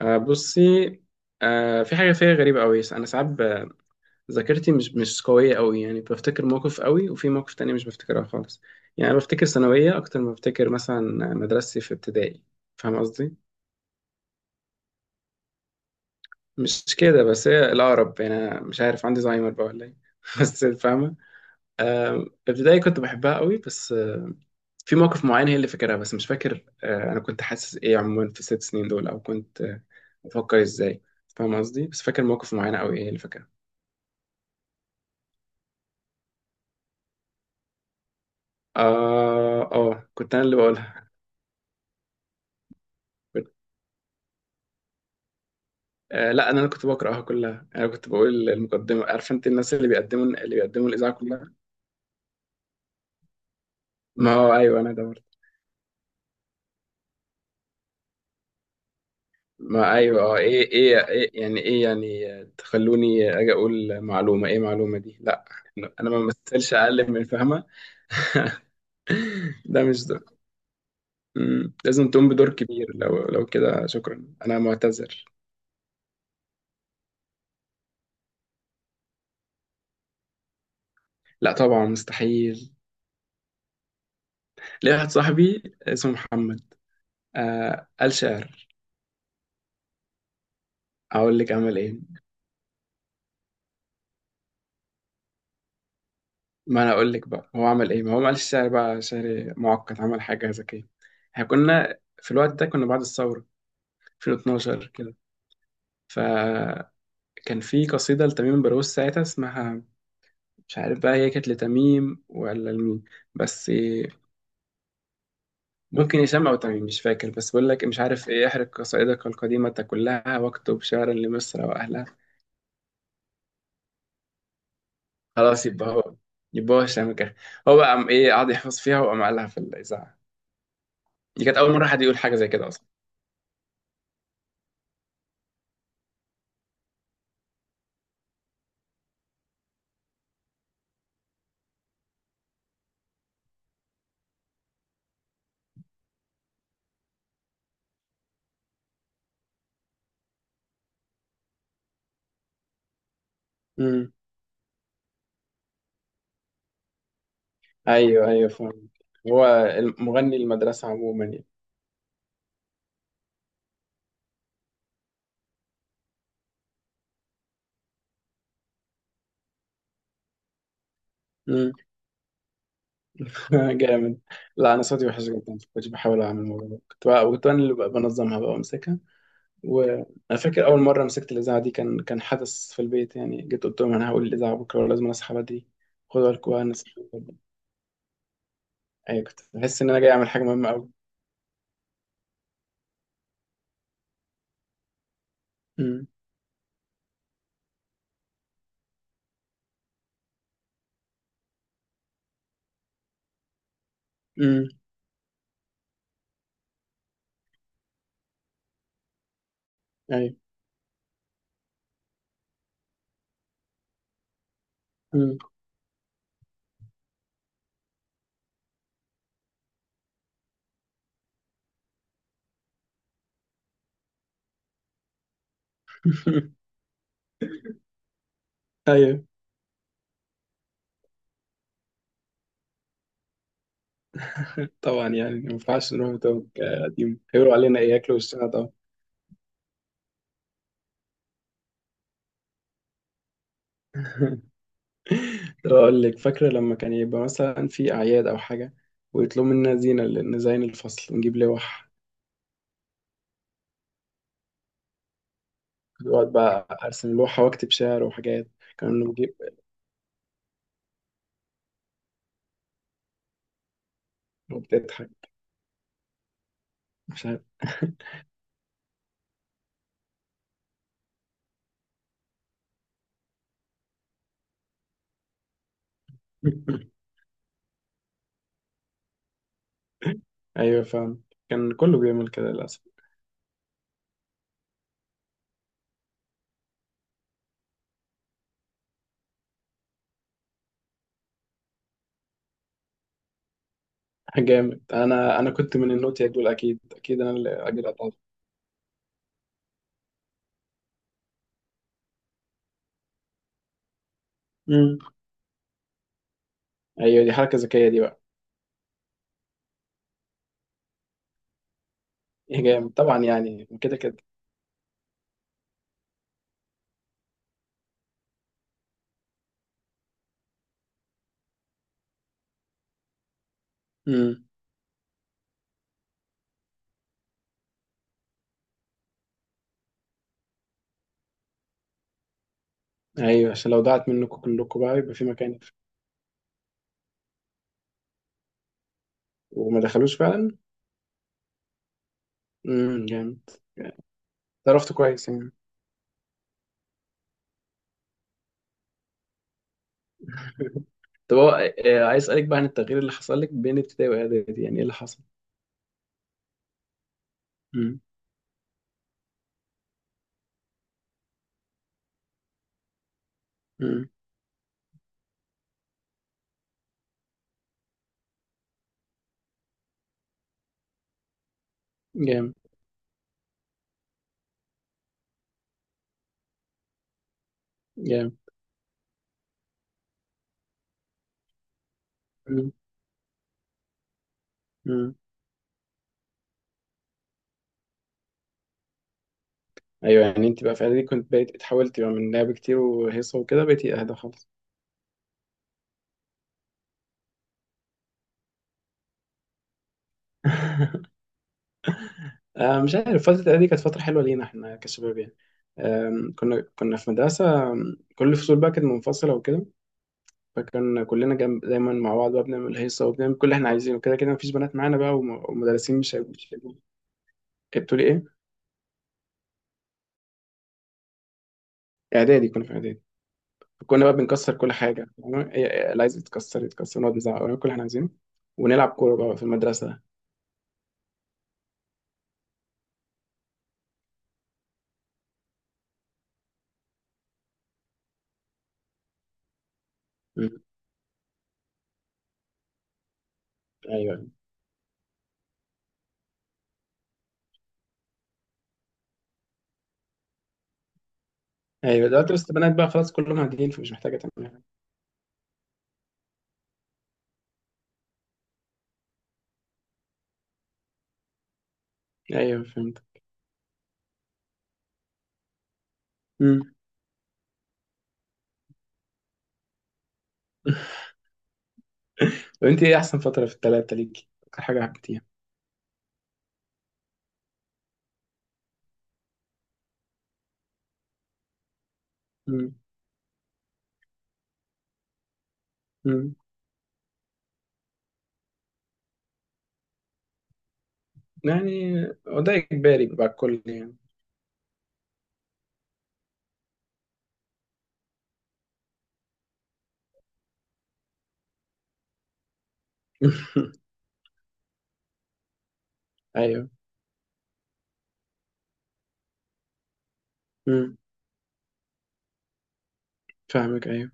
بصي. في حاجة فيها غريبة أوي. أنا ساعات ذاكرتي مش قوية أوي، يعني بفتكر موقف أوي وفي موقف تاني مش بفتكرها خالص. يعني أنا بفتكر ثانوية أكتر ما بفتكر مثلا مدرستي في ابتدائي. فاهم قصدي؟ مش كده، بس هي الأقرب، يعني أنا مش عارف عندي زهايمر بقى ولا إيه. بس فاهمة. ابتدائي كنت بحبها أوي، بس في موقف معين هي اللي فاكرها، بس مش فاكر. أنا كنت حاسس إيه عموما في ال6 سنين دول، أو كنت بفكر إزاي. فاهم قصدي؟ بس فاكر موقف معين أوي هي اللي فاكرها. اه اه، كنت انا اللي بقولها. كنت... لا، انا اللي كنت بقراها كلها. انا كنت بقول المقدمه، عارف انت، الناس اللي بيقدموا اللي بيقدموا الاذاعه كلها. ما هو ايوه، انا دورت. ما ايوه، اه، ايه ايه ايه يعني، ايه يعني تخلوني اجي اقول معلومه، ايه معلومه دي، لا. انا ما بمثلش اقل من فهمه. ده مش ده. لازم تقوم بدور كبير، لو كده شكرا انا معتذر. لا طبعا مستحيل. ليه، واحد صاحبي اسمه محمد، آه قال شعر. اقول لك عمل ايه. ما انا اقول لك بقى هو عمل ايه، ما هو ما قالش سعر بقى، سعر معقد، عمل حاجه ذكيه. احنا كنا في الوقت ده كنا بعد الثوره، 2012 كده. فكان في قصيده لتميم بروز ساعتها اسمها، مش عارف بقى هي كانت لتميم ولا لمين، بس ممكن هشام او تميم، مش فاكر، بس بقول لك، مش عارف ايه، احرق قصائدك القديمه كلها واكتب شعرا لمصر واهلها. خلاص يبقى هو، هشام كده. هو بقى قام ايه، قعد يحفظ فيها وقام قالها في الاذاعه. دي كانت اول مره حد يقول حاجه زي كده اصلا. امم. ايوه ايوه فاهم. هو مغني المدرسه عموما يعني. امم. جامد. لا انا صوتي وحش جدا، كنت بحاول اعمل الموضوع ده، كنت انا اللي بقى بنظمها بقى وامسكها. وانا فاكر اول مره مسكت الاذاعه دي، كان حدث في البيت يعني، جيت قلت لهم انا هقول الاذاعه بكره ولازم اصحى بدري. خدوا بالكم بقى انا صحيت بدري. ايوه كنت بحس ان انا جاي اعمل حاجه مهمه قوي. امم. امم. ايوه. امم. ايوه طبعا، يعني ما ينفعش نروح بتوع قديم، هيقولوا علينا ايه، ياكلوا وشنا طبعا. اقول لك، فاكره لما كان يبقى مثلا في اعياد او حاجه، ويطلبوا منا زينه نزين الفصل ونجيب لوح. كنت بقعد بقى ارسم لوحه واكتب شعر وحاجات. كنا بنجيب. وبتضحك. مش عارف. ايوه فاهم، كان كله بيعمل كده للاسف. جامد. انا كنت من النوتيا دول، اكيد اكيد، انا اللي اجي اطلع. امم. ايوه، دي حركه ذكيه دي بقى. إيه جامد طبعا، يعني كده كده. امم. ايوه، عشان لو ضاعت منكم كلكم بقى يبقى في مكان. وما دخلوش فعلا. جامد. عرفت كويس يعني. طب هو، عايز اسالك بقى عن التغيير اللي حصل لك بين ابتدائي واعدادي، يعني ايه اللي حصل. امم. امم. جامد جامد. امم. امم. ايوه، يعني انت بقى في اعدادي كنت بقيت اتحولت بقى من لعب كتير وهيصه وكده بقيتي اهدى خالص. آه مش عارف، فتره اعدادي كانت فتره حلوه لينا احنا كشباب يعني. كنا في مدرسه، كل الفصول بقى كانت منفصله وكده. فكان كلنا جنب دايما مع بعض بقى، بنعمل هيصه وبنعمل كل اللي احنا عايزينه، كده كده مفيش بنات معانا بقى. والمدرسين مش هيبقوا مش هيبقوا- إيه، بتقولي ايه؟ اعدادي، كنا في اعدادي. كنا بقى بنكسر كل حاجه، فاهمة؟ إيه- إيه، اللي عايز يتكسر يتكسر، نقعد نزعق ونعمل كل اللي احنا عايزينه، ونلعب كوره بقى في المدرسه. مم. ايوه. ايوه دلوقتي بس البنات بقى خلاص كلهم عاديين، فمش محتاجه تعمل حاجه. ايوه فهمت. مم. طب انت ايه احسن فتره في الثلاثه ليكي، اكتر حاجه حبيتيها؟ مم. مم. يعني هو ده اجباري بقى الكل يعني. ايوه. مم. فاهمك ايوه.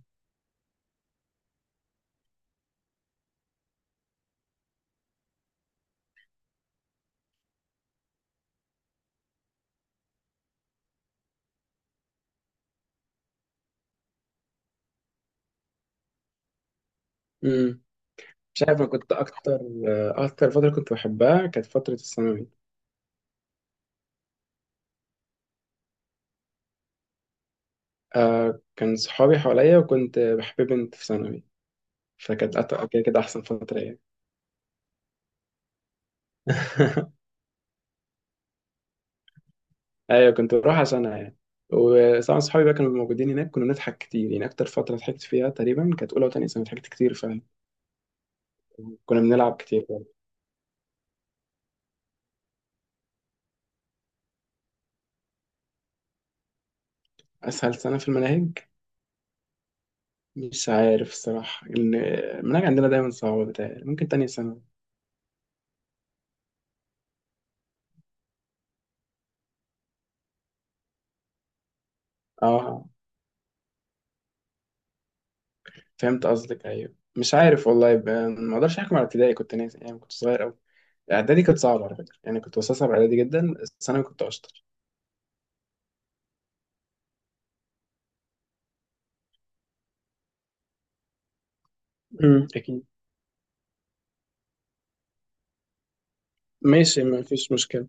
مم. مش عارف، انا كنت اكتر فتره كنت بحبها كانت فتره الثانوي. آه كان صحابي حواليا وكنت بحب بنت في ثانوي، فكانت كده كده أحسن فترة يعني. أيوة كنت بروح عشانها يعني. وطبعا صحابي بقى كانوا موجودين هناك، كنا بنضحك كتير يعني، أكتر فترة ضحكت فيها تقريبا كانت أولى وتانية سنة، ضحكت كتير فعلا. كنا بنلعب كتير برضه. أسهل سنة في المناهج، مش عارف الصراحة، إن المناهج عندنا دايما صعبة، بتاعي ممكن تانية سنة. أه فهمت قصدك، أيوة مش عارف والله، يبقى ما أقدرش أحكم على ابتدائي، كنت ناسي يعني، كنت صغير أوي. اعدادي كانت صعبه على فكره يعني، كنت بستصعب اعدادي جدا، الثانوي كنت اشطر. اكيد. ماشي ما فيش مشكله.